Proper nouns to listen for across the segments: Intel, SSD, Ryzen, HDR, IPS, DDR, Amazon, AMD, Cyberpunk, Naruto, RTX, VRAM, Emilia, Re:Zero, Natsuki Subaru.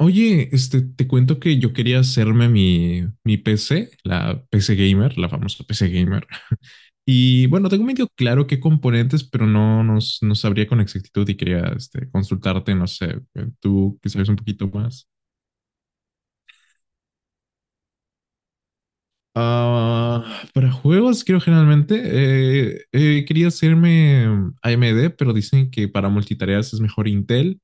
Oye, este, te cuento que yo quería hacerme mi PC, la PC Gamer, la famosa PC Gamer. Y bueno, tengo medio claro qué componentes, pero no sabría con exactitud y quería este, consultarte, no sé, tú que sabes un poquito más. Ah, para juegos, creo generalmente, quería hacerme AMD, pero dicen que para multitareas es mejor Intel,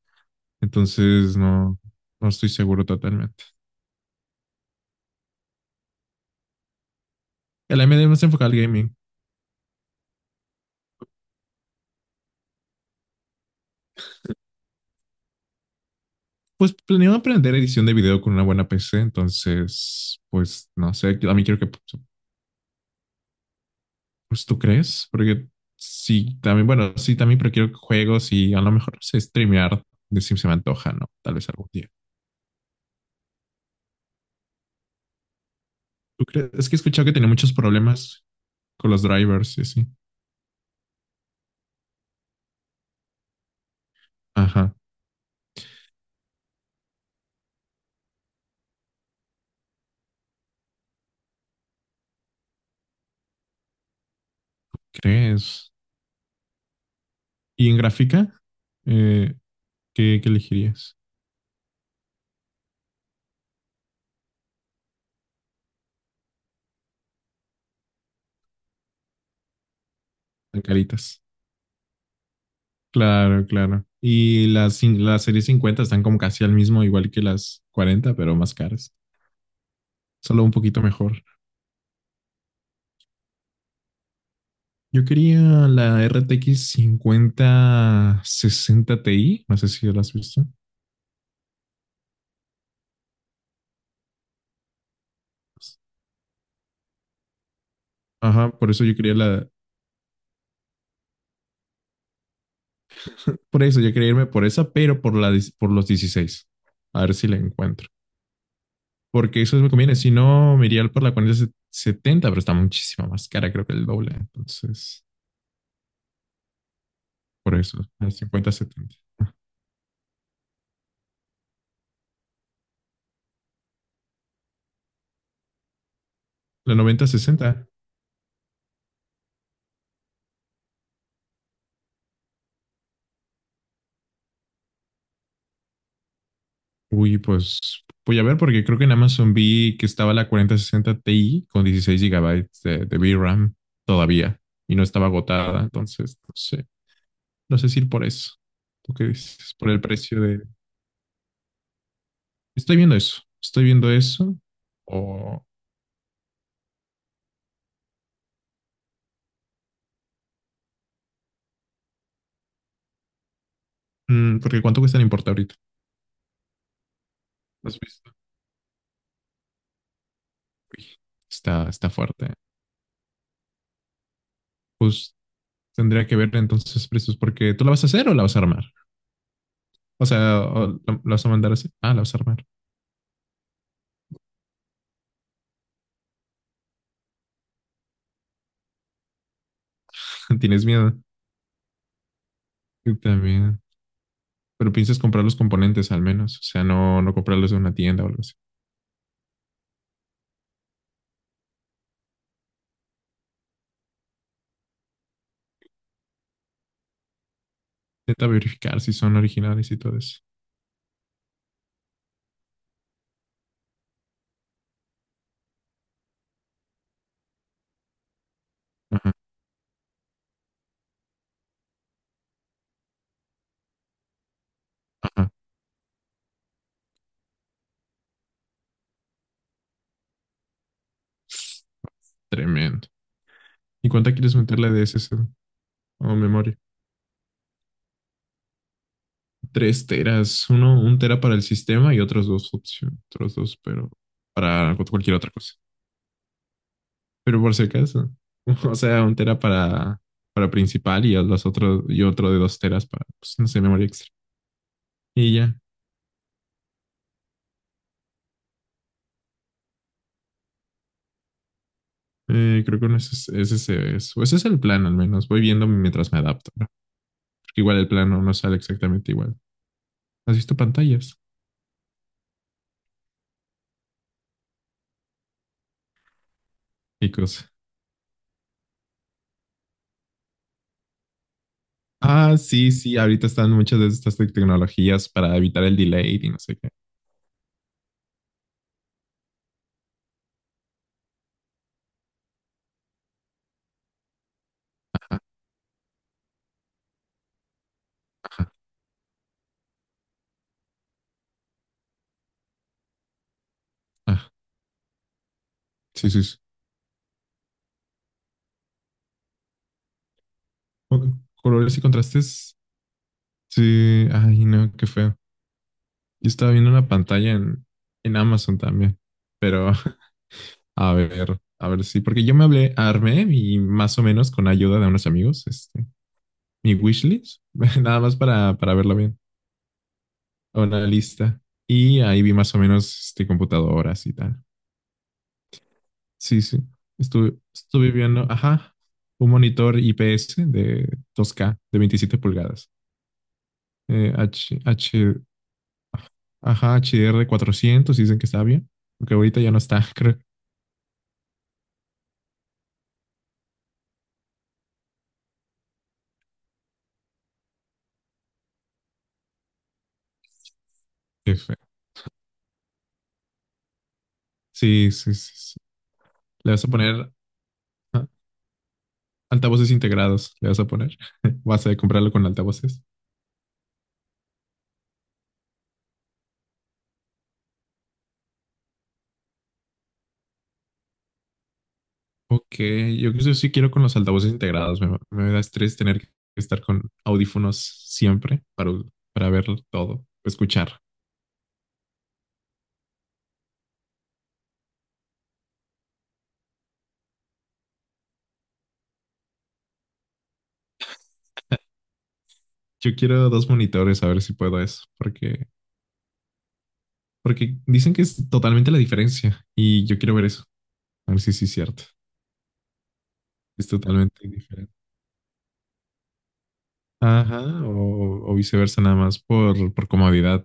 entonces no estoy seguro totalmente. El AMD más enfocado al gaming. Pues planeo aprender edición de video con una buena PC, entonces, pues no sé, a mí quiero que, pues tú crees, porque sí, también, bueno, sí, también pero quiero juegos y a lo mejor no sé streamear, de si se me antoja, ¿no? Tal vez algún día. ¿Tú crees? Es que he escuchado que tiene muchos problemas con los drivers y así. Ajá, ¿crees? ¿Y en gráfica? Eh, ¿qué elegirías? En caritas. Claro, claro. Y las series 50 están como casi al mismo, igual que las 40, pero más caras. Solo un poquito mejor. Yo quería la RTX 60 Ti. No sé si la has visto. Ajá, por eso yo quería la. Por eso yo quería irme por esa, pero por los 16. A ver si la encuentro. Porque eso me conviene. Si no, me iría por la 4070, pero está muchísimo más cara, creo que el doble. Entonces, por eso, la 5070. La 9060. Uy, pues voy a ver porque creo que en Amazon vi que estaba la 4060 Ti con 16 GB de VRAM todavía y no estaba agotada, entonces no sé si ir por eso. ¿Tú qué dices? Por el precio de. Estoy viendo eso o... porque ¿cuánto cuesta en importa ahorita? ¿Lo has visto? Uy, está fuerte. Pues tendría que ver entonces precios porque ¿tú la vas a hacer o la vas a armar? O sea, ¿o la vas a mandar así? Ah, la vas a armar. ¿Tienes miedo? Yo también. Pero piensas comprar los componentes al menos, o sea, no comprarlos de una tienda o algo así. Intenta verificar si son originales y todo eso. Ajá, ajá. Tremendo. ¿Y cuánta quieres meterle de S SSD o memoria? 3 teras, un tera para el sistema y otros 2 opciones, otros dos, pero para cualquier otra cosa. Pero por si acaso, o sea, 1 tera para principal y los otros, y otro de 2 teras para, pues, no sé, memoria extra. Y ya, creo que no, ese es, eso. Ese es el plan al menos. Voy viendo mientras me adapto, ¿no? Igual el plano no sale exactamente igual. ¿Has visto pantallas? Y cosas. Ah, sí, sí, ahorita están muchas de estas tecnologías para evitar el delay y no sé qué. Ajá. Ah, sí, sí, sí. Co- Colores y contrastes. Sí, ay, no, qué feo. Yo estaba viendo una pantalla en Amazon también, pero a ver sí, porque yo me hablé, armé y más o menos con ayuda de unos amigos, este, mi wishlist, nada más para verlo bien. A una lista. Y ahí vi más o menos este, computadoras y tal. Sí, sí. Estuve viendo, ajá, un monitor IPS de 2K de 27 pulgadas. Eh, H, H, ajá, HDR 400, dicen que está bien. Porque ahorita ya no está, creo que fue. Sí, sí, sí, sí. Le vas a poner ah, altavoces integrados, le vas a poner. Vas a comprarlo con altavoces. Ok, yo creo que sí quiero con los altavoces integrados. Me da estrés tener que estar con audífonos siempre para ver todo, escuchar. Yo quiero 2 monitores a ver si puedo eso, porque dicen que es totalmente la diferencia y yo quiero ver eso, a ver si sí es cierto. Es totalmente diferente. Ajá, o viceversa nada más por comodidad.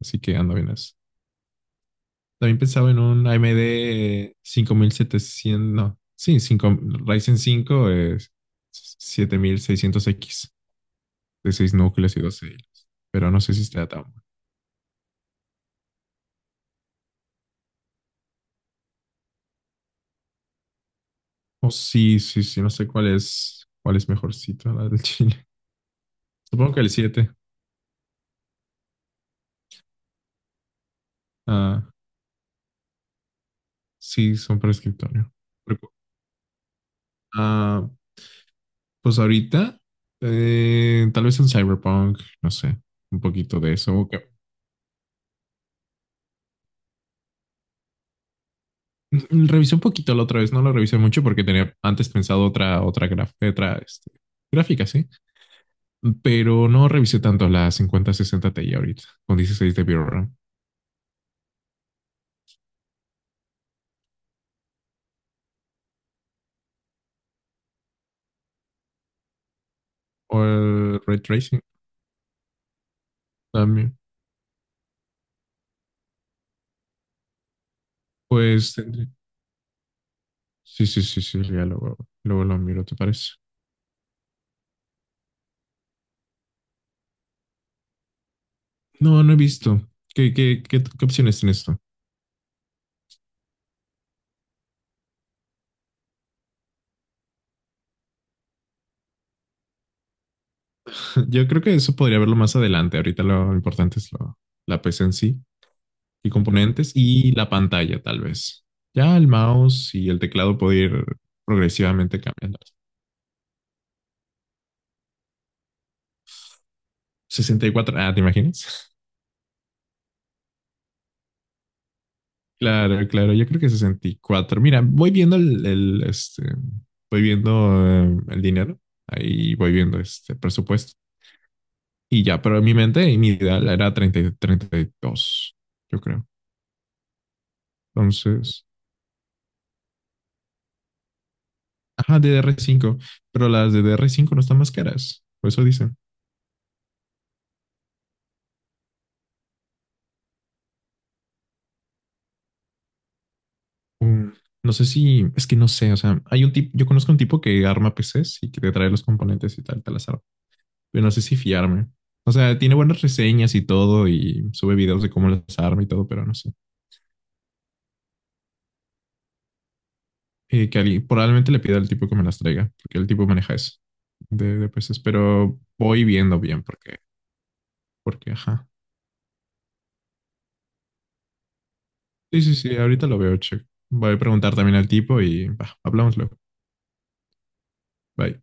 Así que ando bien. También pensaba en un AMD 700 no, sí, 5, Ryzen 5 es 7600X de 6 núcleos y 12 hilos, pero no sé si está tan bueno. O sí, sí, sí, no sé cuál es mejorcito, la del Chile. Supongo que el siete. Ah, sí, son para escritorio. Recu- Ah, pues ahorita, tal vez un Cyberpunk, no sé, un poquito de eso. Ok. Revisé un poquito la otra vez, no lo revisé mucho porque tenía antes pensado otra este, gráfica, sí, pero no revisé tanto la 5060 Ti ahorita con 16 de VRAM o el ray tracing también. Pues tendré- sí, sí, sí, sí, ya luego lo miro, ¿te parece? No, no he visto. ¿Qué opciones tienes tú? Yo creo que eso podría verlo más adelante. Ahorita lo importante es la PC en sí. Y componentes y la pantalla, tal vez. Ya el mouse y el teclado puede ir progresivamente cambiando. Sesenta y cuatro, ¿te imaginas? Claro, claro, yo creo que 64. Mira, voy viendo voy viendo el dinero, ahí voy viendo este presupuesto y ya, pero en mi mente y mi ideal era 30, 30 y 32, yo creo. Entonces, ajá, DDR5, pero las de DDR5 no están más caras, por eso dicen. Mm, No sé si, es que no sé, o sea, hay un tipo, yo conozco un tipo que arma PCs y que te trae los componentes y tal, te las arma. Pero no sé si fiarme. O sea, tiene buenas reseñas y todo y sube videos de cómo las arma y todo, pero no sé. Probablemente le pida al tipo que me las traiga, porque el tipo maneja eso de PCs, pero voy viendo bien porque. Ajá. Sí, sí, sí, ahorita lo veo, check. Voy a preguntar también al tipo y bah, hablamos luego. Bye.